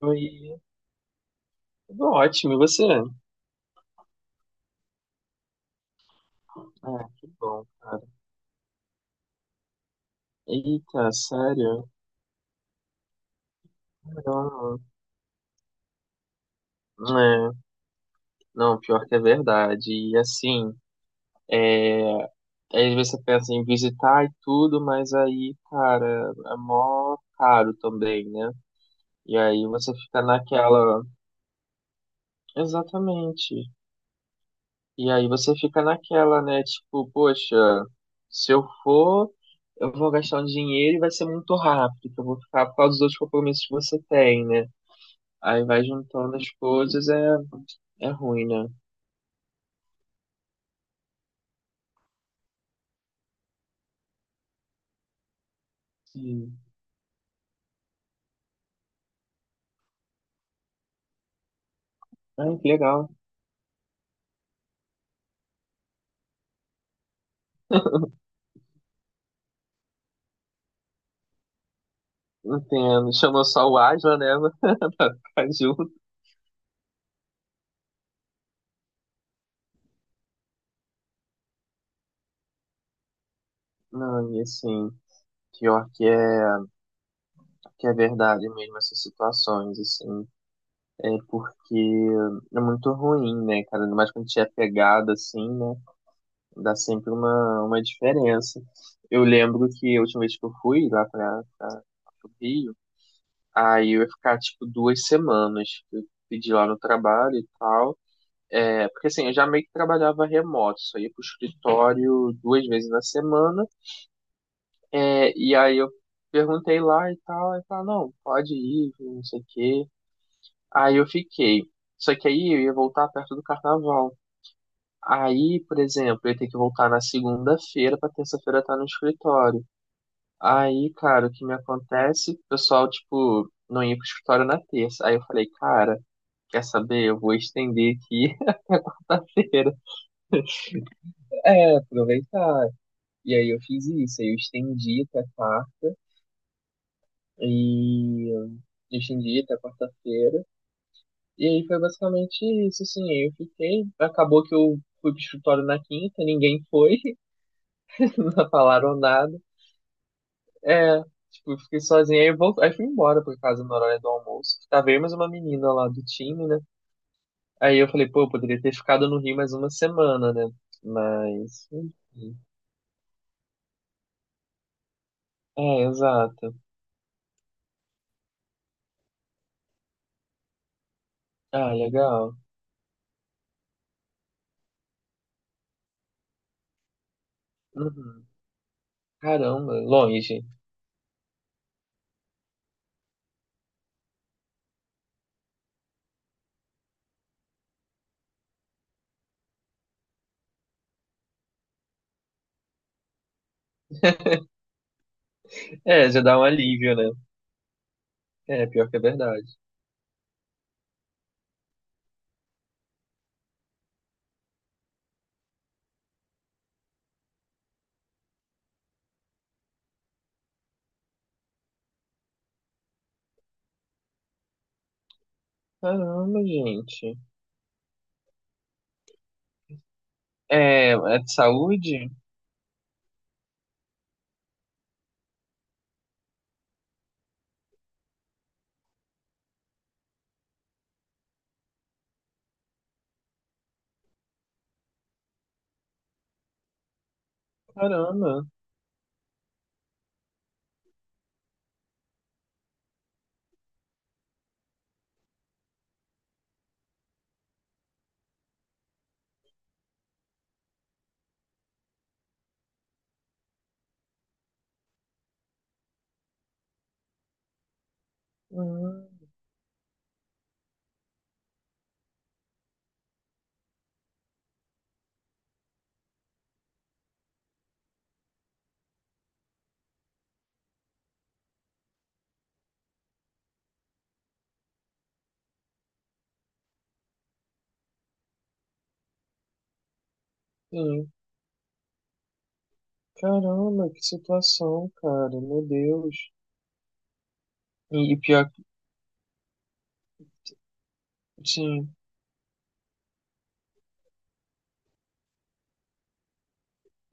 Oi, tudo ótimo, e você? Ah, que bom, cara. Eita, sério? Não, é, não, pior que é verdade. E assim, é, às vezes você pensa em visitar e tudo, mas aí, cara, é mó caro também, né? E aí você fica naquela. Exatamente. E aí você fica naquela, né? Tipo, poxa, se eu for, eu vou gastar um dinheiro e vai ser muito rápido, que eu vou ficar por causa dos outros compromissos que você tem, né? Aí vai juntando as coisas, é ruim, né? Sim. Ai, que legal. Entendo. Chamou só o Asla, né? Pra ficar junto. Não, e assim, pior que é, que é verdade mesmo essas situações, assim. É porque é muito ruim, né, cara? Ainda mais quando a gente é pegado, assim, né? Dá sempre uma diferença. Eu lembro que a última vez que eu fui lá pro Rio, aí eu ia ficar, tipo, duas semanas. Eu pedi lá no trabalho e tal. É, porque assim, eu já meio que trabalhava remoto, só ia pro escritório duas vezes na semana, e aí eu perguntei lá e tal, e falaram, não, pode ir, não sei o quê. Aí eu fiquei. Só que aí eu ia voltar perto do carnaval. Aí, por exemplo, eu ia ter que voltar na segunda-feira pra terça-feira estar no escritório. Aí, cara, o que me acontece? O pessoal, tipo, não ia pro escritório na terça. Aí eu falei, cara, quer saber? Eu vou estender aqui terça-feira. É, aproveitar. E aí eu fiz isso, aí eu estendi até quarta, e eu estendi até quarta-feira. E aí foi basicamente isso, assim, aí eu fiquei. Acabou que eu fui pro escritório na quinta, ninguém foi, não falaram nada. É, tipo, eu fiquei sozinho, aí fui embora pra casa na hora do almoço. Tava eu mais uma menina lá do time, né? Aí eu falei, pô, eu poderia ter ficado no Rio mais uma semana, né? Mas, enfim. É, exato. Ah, legal. Uhum. Caramba, longe. É, já dá um alívio, né? É, pior que é verdade. Caramba, gente. É, é de saúde? Caramba. Hum, sim. Caramba, que situação, cara. Meu Deus. E, e pior que, sim,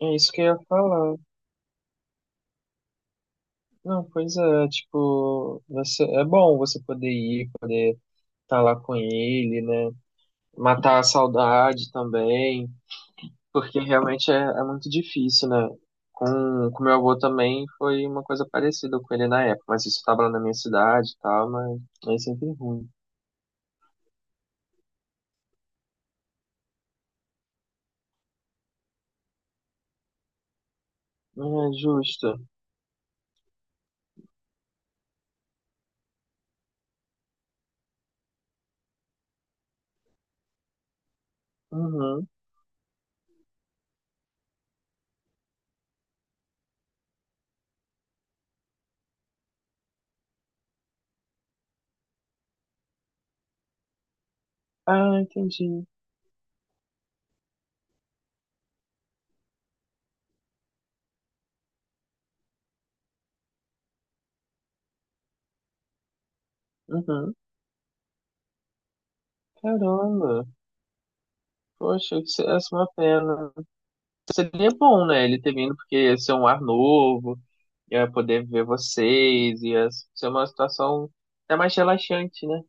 é isso que eu ia falar. Não, pois é, tipo, você, é bom você poder ir, poder estar lá com ele, né? Matar a saudade também. Porque realmente é muito difícil, né? Com meu avô também foi uma coisa parecida com ele na época, mas isso estava lá na minha cidade e tal, mas é sempre ruim. É justo. Uhum. Ah, entendi. Uhum. Caramba. Poxa, que essa é uma pena. Seria bom, né? Ele ter vindo, porque ia ser um ar novo, ia poder ver vocês, ia ser uma situação até mais relaxante, né?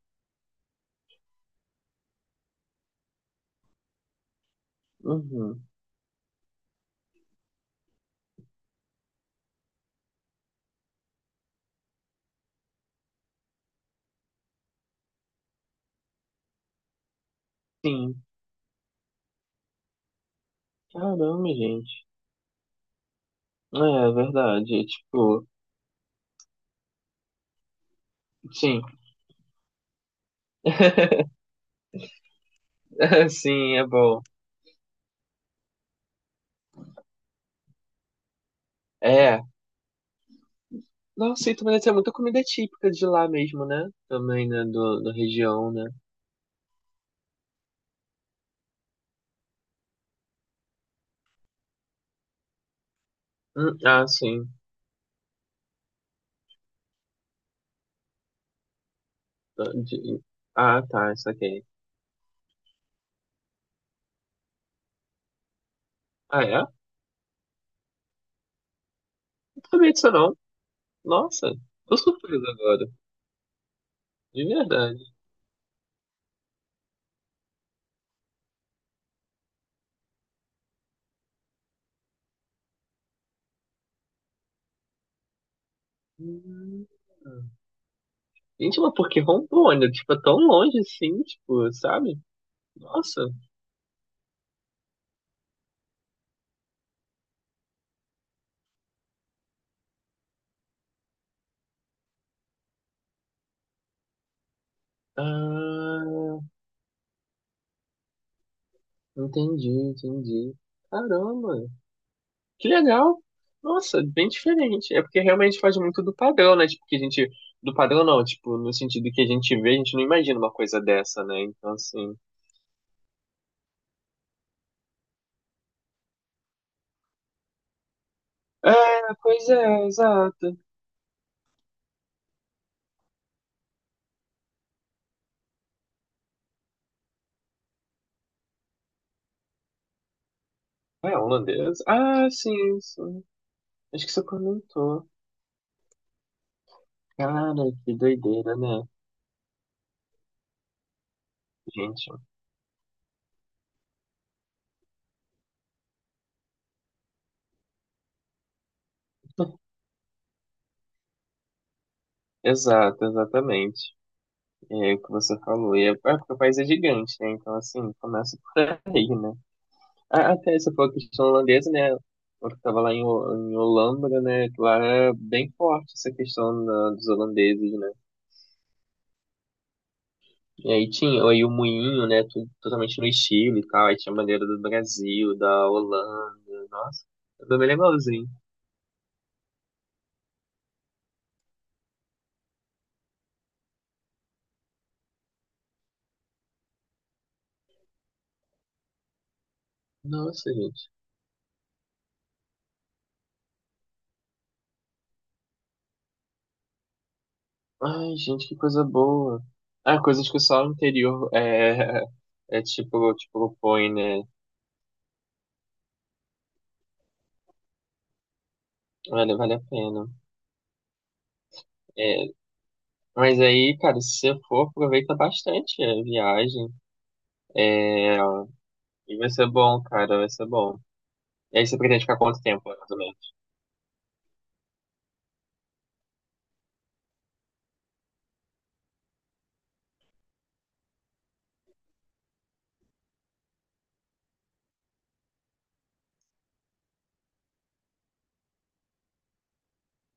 Uhum. Sim. Caramba, gente. É, é verdade. É tipo, sim. Sim, é bom. É. Nossa, e também deve ter muita comida típica de lá mesmo, né? Também, né? Da região, né? Ah, sim. Tá, de- Ah, tá, isso aqui. Ah, é? Não sabia disso, não. Nossa, tô surpreso agora. De verdade. Hum. Gente, mas por que Rondônia? Tipo, é tão longe assim, tipo, sabe? Nossa. Ah, entendi. Caramba. Que legal. Nossa, bem diferente. É porque realmente faz muito do padrão, né? Tipo, que a gente. Do padrão não, tipo, no sentido que a gente vê, a gente não imagina uma coisa dessa, né? Então, assim. É, pois é, exato. É um holandês? Ah, sim. Acho que você comentou. Cara, que doideira, né? Gente. Exato, exatamente. É o que você falou. É porque o país é gigante, né? Então, assim, começa por aí, né? Ah, até essa foi a questão holandesa, né? Eu estava lá em, Ho- em Holambra, né? Que lá é bem forte essa questão da- dos holandeses, né? E aí tinha aí o moinho, né? Tudo, totalmente no estilo e tal. Aí tinha a bandeira do Brasil, da Holanda. Nossa, foi bem legalzinho. Nossa, gente. Ai, gente, que coisa boa. Ah, coisas que só o interior é, é tipo, tipo põe né? Olha, vale a pena. É, mas aí, cara, se você for, aproveita bastante a viagem É, E vai ser bom, cara, vai ser bom. E aí você pretende ficar quanto tempo, mais ou menos?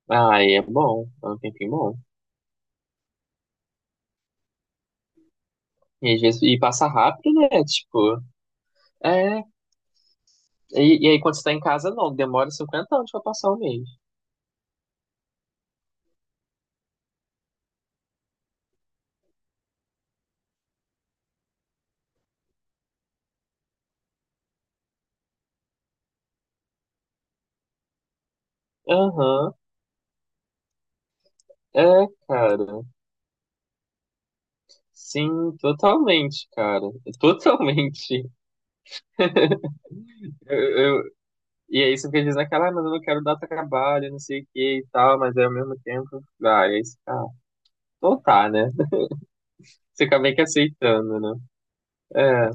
Ah, aí é bom, é um tempinho bom. E às vezes, e passa rápido, né? Tipo, é. E aí quando você tá em casa, não, demora 50 anos pra passar um mês. Aham, é, cara. Sim, totalmente, cara. Totalmente. Eu, eu- e aí você fica dizendo aquela, ah, mas eu não quero dar trabalho, não sei o que e tal, mas aí ao mesmo tempo, ah, e aí você fica, ah, então tá, né? Você acaba meio que aceitando, né? É,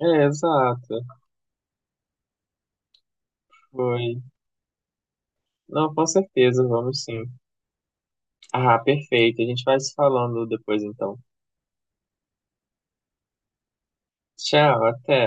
é, exato. Foi. Não, com certeza, vamos sim. Ah, perfeito. A gente vai se falando depois então. Tchau, até.